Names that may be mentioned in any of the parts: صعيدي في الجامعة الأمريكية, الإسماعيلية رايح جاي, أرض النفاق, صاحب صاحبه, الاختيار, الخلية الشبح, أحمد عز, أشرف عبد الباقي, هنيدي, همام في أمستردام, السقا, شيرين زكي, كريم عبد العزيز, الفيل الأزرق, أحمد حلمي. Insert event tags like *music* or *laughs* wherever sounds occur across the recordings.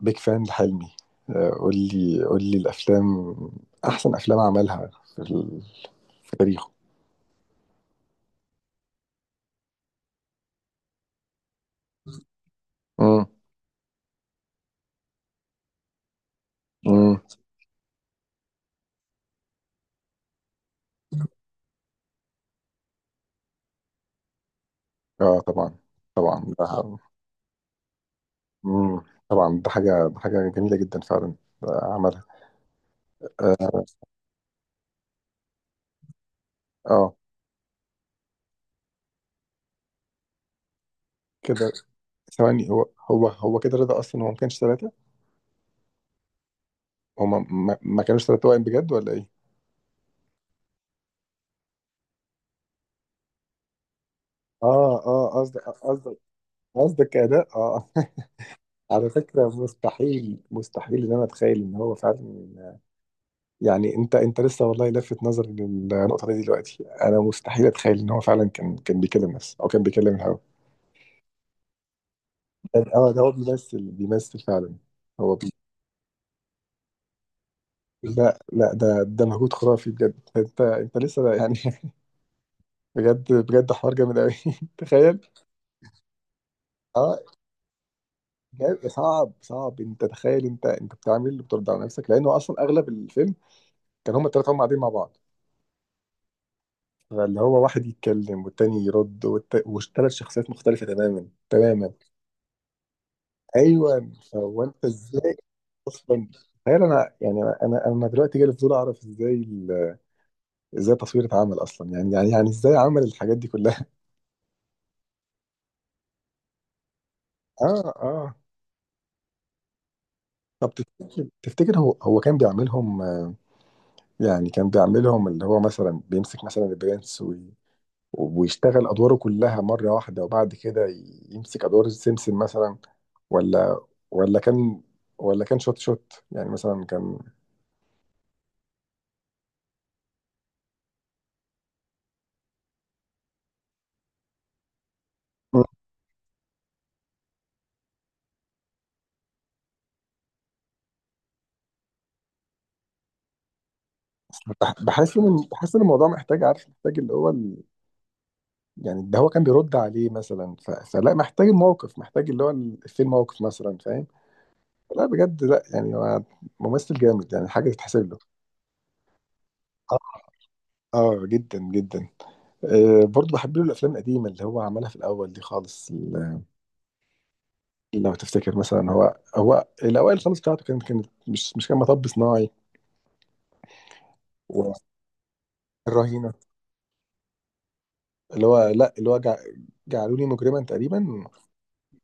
بيك فان لحلمي. قول لي الافلام، احسن افلام عملها في, ال- في تاريخه. امم. امم. اه، طبعا. طبعا ده. امم. طبعا ده حاجه جميله جدا فعلا. عملها. اه كده. ثواني، هو كده رضا، اصلا هو ما كانش ثلاثه، هما ما كانوش ثلاثه توائم بجد ولا ايه؟ اه اه، قصدك قصدك اداء، اه. *laughs* على فكره، مستحيل ان انا اتخيل ان هو فعلا، يعني انت لسه والله لفت نظري للنقطه دي دلوقتي، انا مستحيل اتخيل ان هو فعلا كان بيكلم نفسه او كان بيكلم الهوا. اه، ده هو بيمثل فعلا. هو بي... لا لا، ده مجهود خرافي بجد، انت لسه يعني. *laughs* بجد بجد، حوار جامد قوي. *laughs* تخيل. اه صعب انت تخيل، انت بتعمل بترد على نفسك، لانه اصلا اغلب الفيلم كان هما الثلاثه هما قاعدين مع بعض، فاللي هو واحد يتكلم والتاني يرد وثلاث شخصيات مختلفه تماما تماما. ايوه، فهو انت ازاي اصلا تخيل؟ انا يعني انا دلوقتي جالي فضول اعرف ازاي التصوير اتعمل اصلا، يعني ازاي عمل الحاجات دي كلها. *laughs* اه اه. طب تفتكر، هو كان بيعملهم يعني كان بيعملهم اللي هو مثلا بيمسك مثلا البرنس ويشتغل ادواره كلها مره واحده، وبعد كده يمسك ادوار سمسم مثلا؟ ولا، ولا كان، ولا كان شوت شوت يعني مثلا كان. مم. بحس ان الموضوع محتاج، عارف، محتاج اللي هو، يعني ده هو كان بيرد عليه مثلا فلا محتاج الموقف، محتاج اللي هو في الموقف مثلا، فاهم. لا بجد، لا يعني هو ممثل جامد، يعني حاجه تتحسب له. آه، اه، جدا جدا. برضه بحب له الافلام القديمه اللي هو عملها في الاول دي خالص لو تفتكر مثلا هو، هو الاوائل خالص بتاعته، كانت مش كان مطب صناعي، والرهينه، اللي هو، لا اللي هو جعلوني مجرما تقريبا.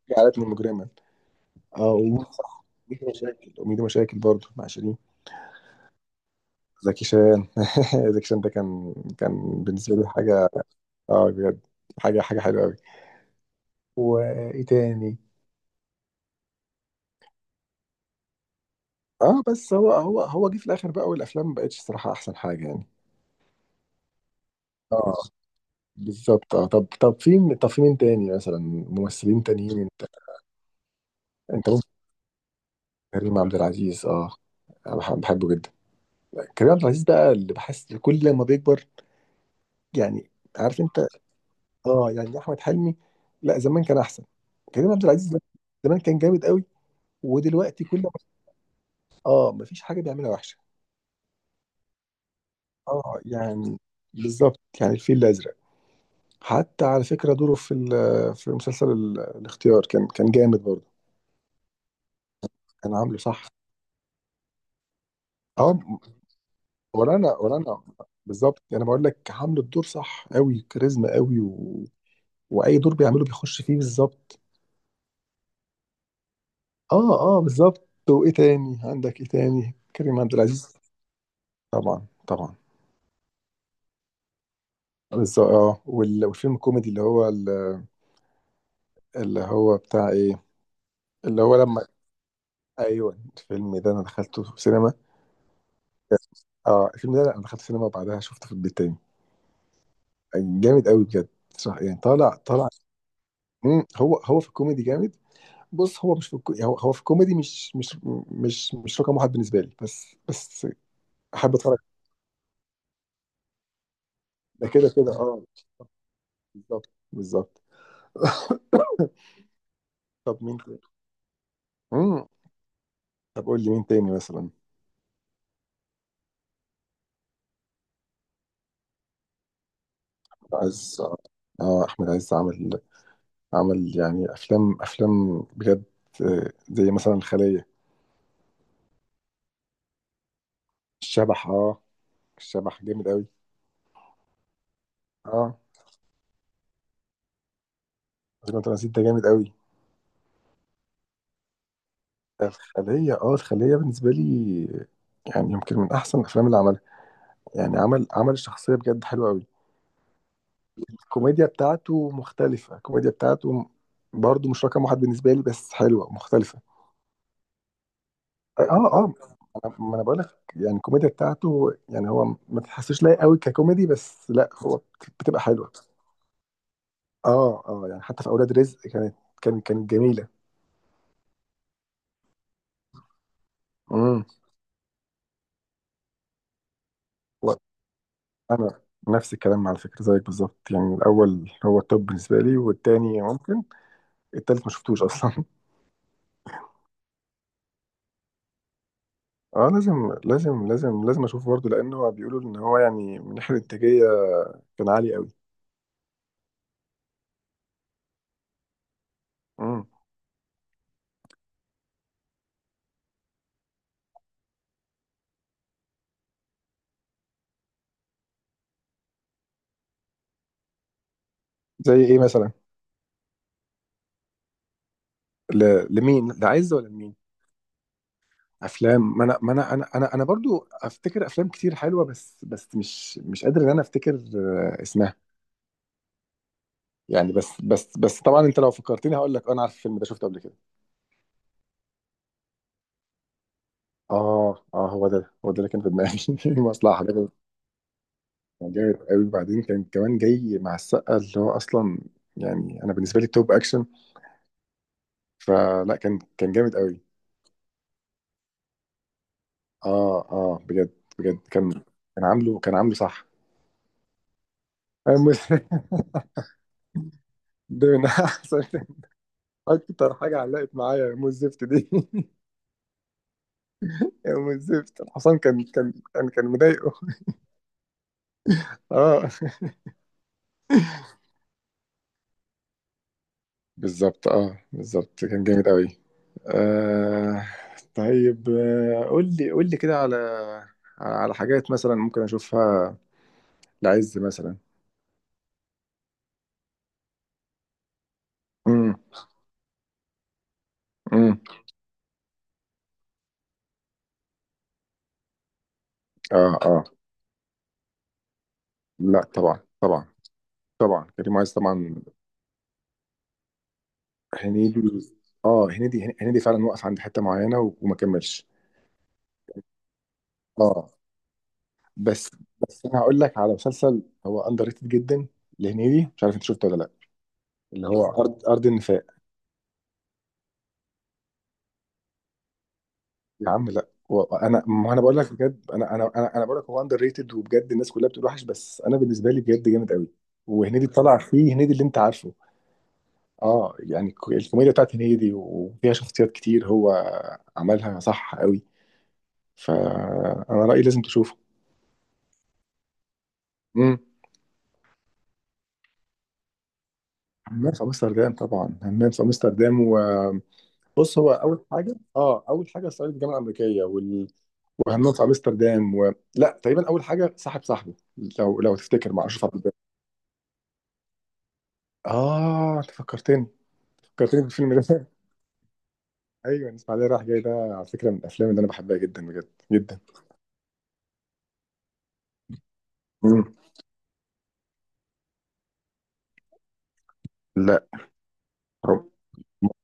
جعلتني مجرما، اه. وميدو مشاكل، وميدو مشاكل برضه مع شيرين. زكي شان. *laughs* زكي شان ده كان، كان بالنسبة لي حاجة. اه بجد، حاجة حلوة أوي. وإيه تاني؟ اه، بس هو هو جه في الآخر بقى، والأفلام ما بقتش صراحة أحسن حاجة يعني. اه بالظبط. اه طب طب في مين تاني مثلا، ممثلين تانيين انت؟ انت ممكن. كريم عبد العزيز، اه. أنا بحبه جدا. كريم عبد العزيز بقى اللي بحس كل لما بيكبر، يعني، عارف انت. اه، يعني احمد حلمي لا زمان كان احسن، كريم عبد العزيز زمان كان جامد قوي ودلوقتي كل، اه مفيش حاجه بيعملها وحشه. اه يعني بالظبط، يعني الفيل الازرق، حتى على فكره دوره في في مسلسل الاختيار كان كان جامد برضه، كان عامله صح. اه، ولا انا ولا انا. بالظبط، انا بقول لك عامل الدور صح قوي، كاريزما قوي، و... واي دور بيعمله بيخش فيه بالظبط. اه اه بالظبط. وايه تاني عندك، ايه تاني كريم عبد العزيز؟ طبعا طبعا بالظبط. اه والفيلم الكوميدي اللي هو بتاع ايه، اللي هو لما، ايوه، الفيلم ده انا دخلته في سينما. اه، الفيلم ده انا دخلت سينما وبعدها شفته في البيت تاني، جامد قوي بجد، صح يعني، طالع طالع. مم. هو في الكوميدي جامد. بص، هو مش في الكو... يعني هو في الكوميدي مش مش رقم واحد بالنسبه لي، بس بس احب اتفرج، ده كده كده، اه. بالظبط بالظبط. *coughs* *laughs* طب مين تاني؟ مم. طب قول لي مين تاني مثلا؟ عايز. اه، احمد عز، عمل يعني افلام، افلام بجد، زي مثلا الخلية. الشبح، اه، الشبح جامد قوي. اه زي ما انت نسيت، ده جامد قوي. الخلية، اه، الخلية بالنسبة لي يعني يمكن من أحسن الأفلام اللي عملها، يعني عمل الشخصية بجد حلوة أوي. الكوميديا بتاعته مختلفة، الكوميديا بتاعته برضه مش رقم واحد بالنسبة لي، بس حلوة ومختلفة. اه اه، ما أنا بقول لك يعني الكوميديا بتاعته، يعني هو ما تحسوش لايق أوي ككوميدي، بس لا هو بتبقى حلوة. اه اه يعني حتى في أولاد رزق كانت، كانت جميلة. امم. انا نفس الكلام على فكره زيك بالظبط، يعني الاول هو التوب بالنسبه لي والتاني ممكن، التالت ما شفتوش اصلا. *laughs* اه، لازم لازم لازم لازم اشوفه برضه، لانه هو بيقولوا ان هو يعني من ناحيه الانتاجيه كان عالي قوي. امم. زي ايه مثلا؟ لمين، لعز ولا لمين؟ افلام، ما انا ما انا انا انا انا برضو افتكر افلام كتير حلوه، بس مش قادر ان انا افتكر اسمها يعني، بس طبعا انت لو فكرتني هقول لك انا عارف الفيلم ده شفته قبل كده. اه اه، هو ده اللي كان في دماغي. *laughs* مصلحه. كان جامد قوي، وبعدين كان كمان جاي مع السقا اللي هو اصلا يعني انا بالنسبه لي توب اكشن، فلا كان جامد قوي. اه اه بجد، بجد كان، كان عامله صح. أنا *laughs* ده من احسن. اكتر حاجه علقت معايا يا ام الزفت دي. *laughs* يا ام الزفت الحصان كان كان مضايقه. اه بالظبط. اه بالظبط كان جامد قوي. آه. طيب، قول لي، كده على على حاجات مثلا ممكن اشوفها، العز مثلا. امم. امم. اه اه. لا طبعا طبعا طبعا. كريم عايز طبعا. هنيدي. اه، هنيدي فعلا وقف عند حته معينه وما كملش. اه. بس انا هقول لك على مسلسل هو اندر ريتد جدا لهنيدي، مش عارف انت شفته ولا لا، اللي هو ارض النفاق. يا عم لا، وانا ما انا بقول لك بجد، انا انا انا انا بقول لك هو اندر ريتد، وبجد الناس كلها بتقول وحش، بس انا بالنسبه لي بجد جامد قوي. وهنيدي طلع فيه هنيدي اللي انت عارفه، اه، يعني الكوميديا بتاعت هنيدي وفيها شخصيات كتير هو عملها صح قوي، فانا رايي لازم تشوفه. امم. همام في امستردام، طبعا همام في امستردام. وبص، هو اول حاجه، اه، اول حاجه صعيدي في الجامعه الامريكيه وهمام في امستردام و... لا تقريبا اول حاجه صاحب صاحبه، لو تفتكر، مع اشرف عبد الباقي. اه انت فكرتني، فكرتني بالفيلم ده. *laughs* ايوه، الاسماعيليه رايح جاي ده على فكره من الافلام اللي انا بحبها جدا بجد جدا. مم. لا، هم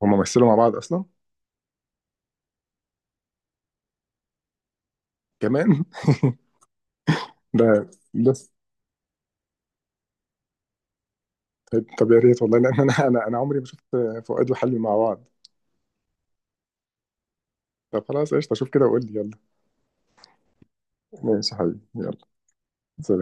هم مثلوا مع بعض اصلا. كمان. *laughs* ده بس. طيب، طب يا ريت والله، لان انا عمري ما شفت فؤاد وحلمي مع بعض. طب خلاص، قشطه، اشوف كده وقول لي. يلا. ماشي يا حبيبي، يلا. سلام.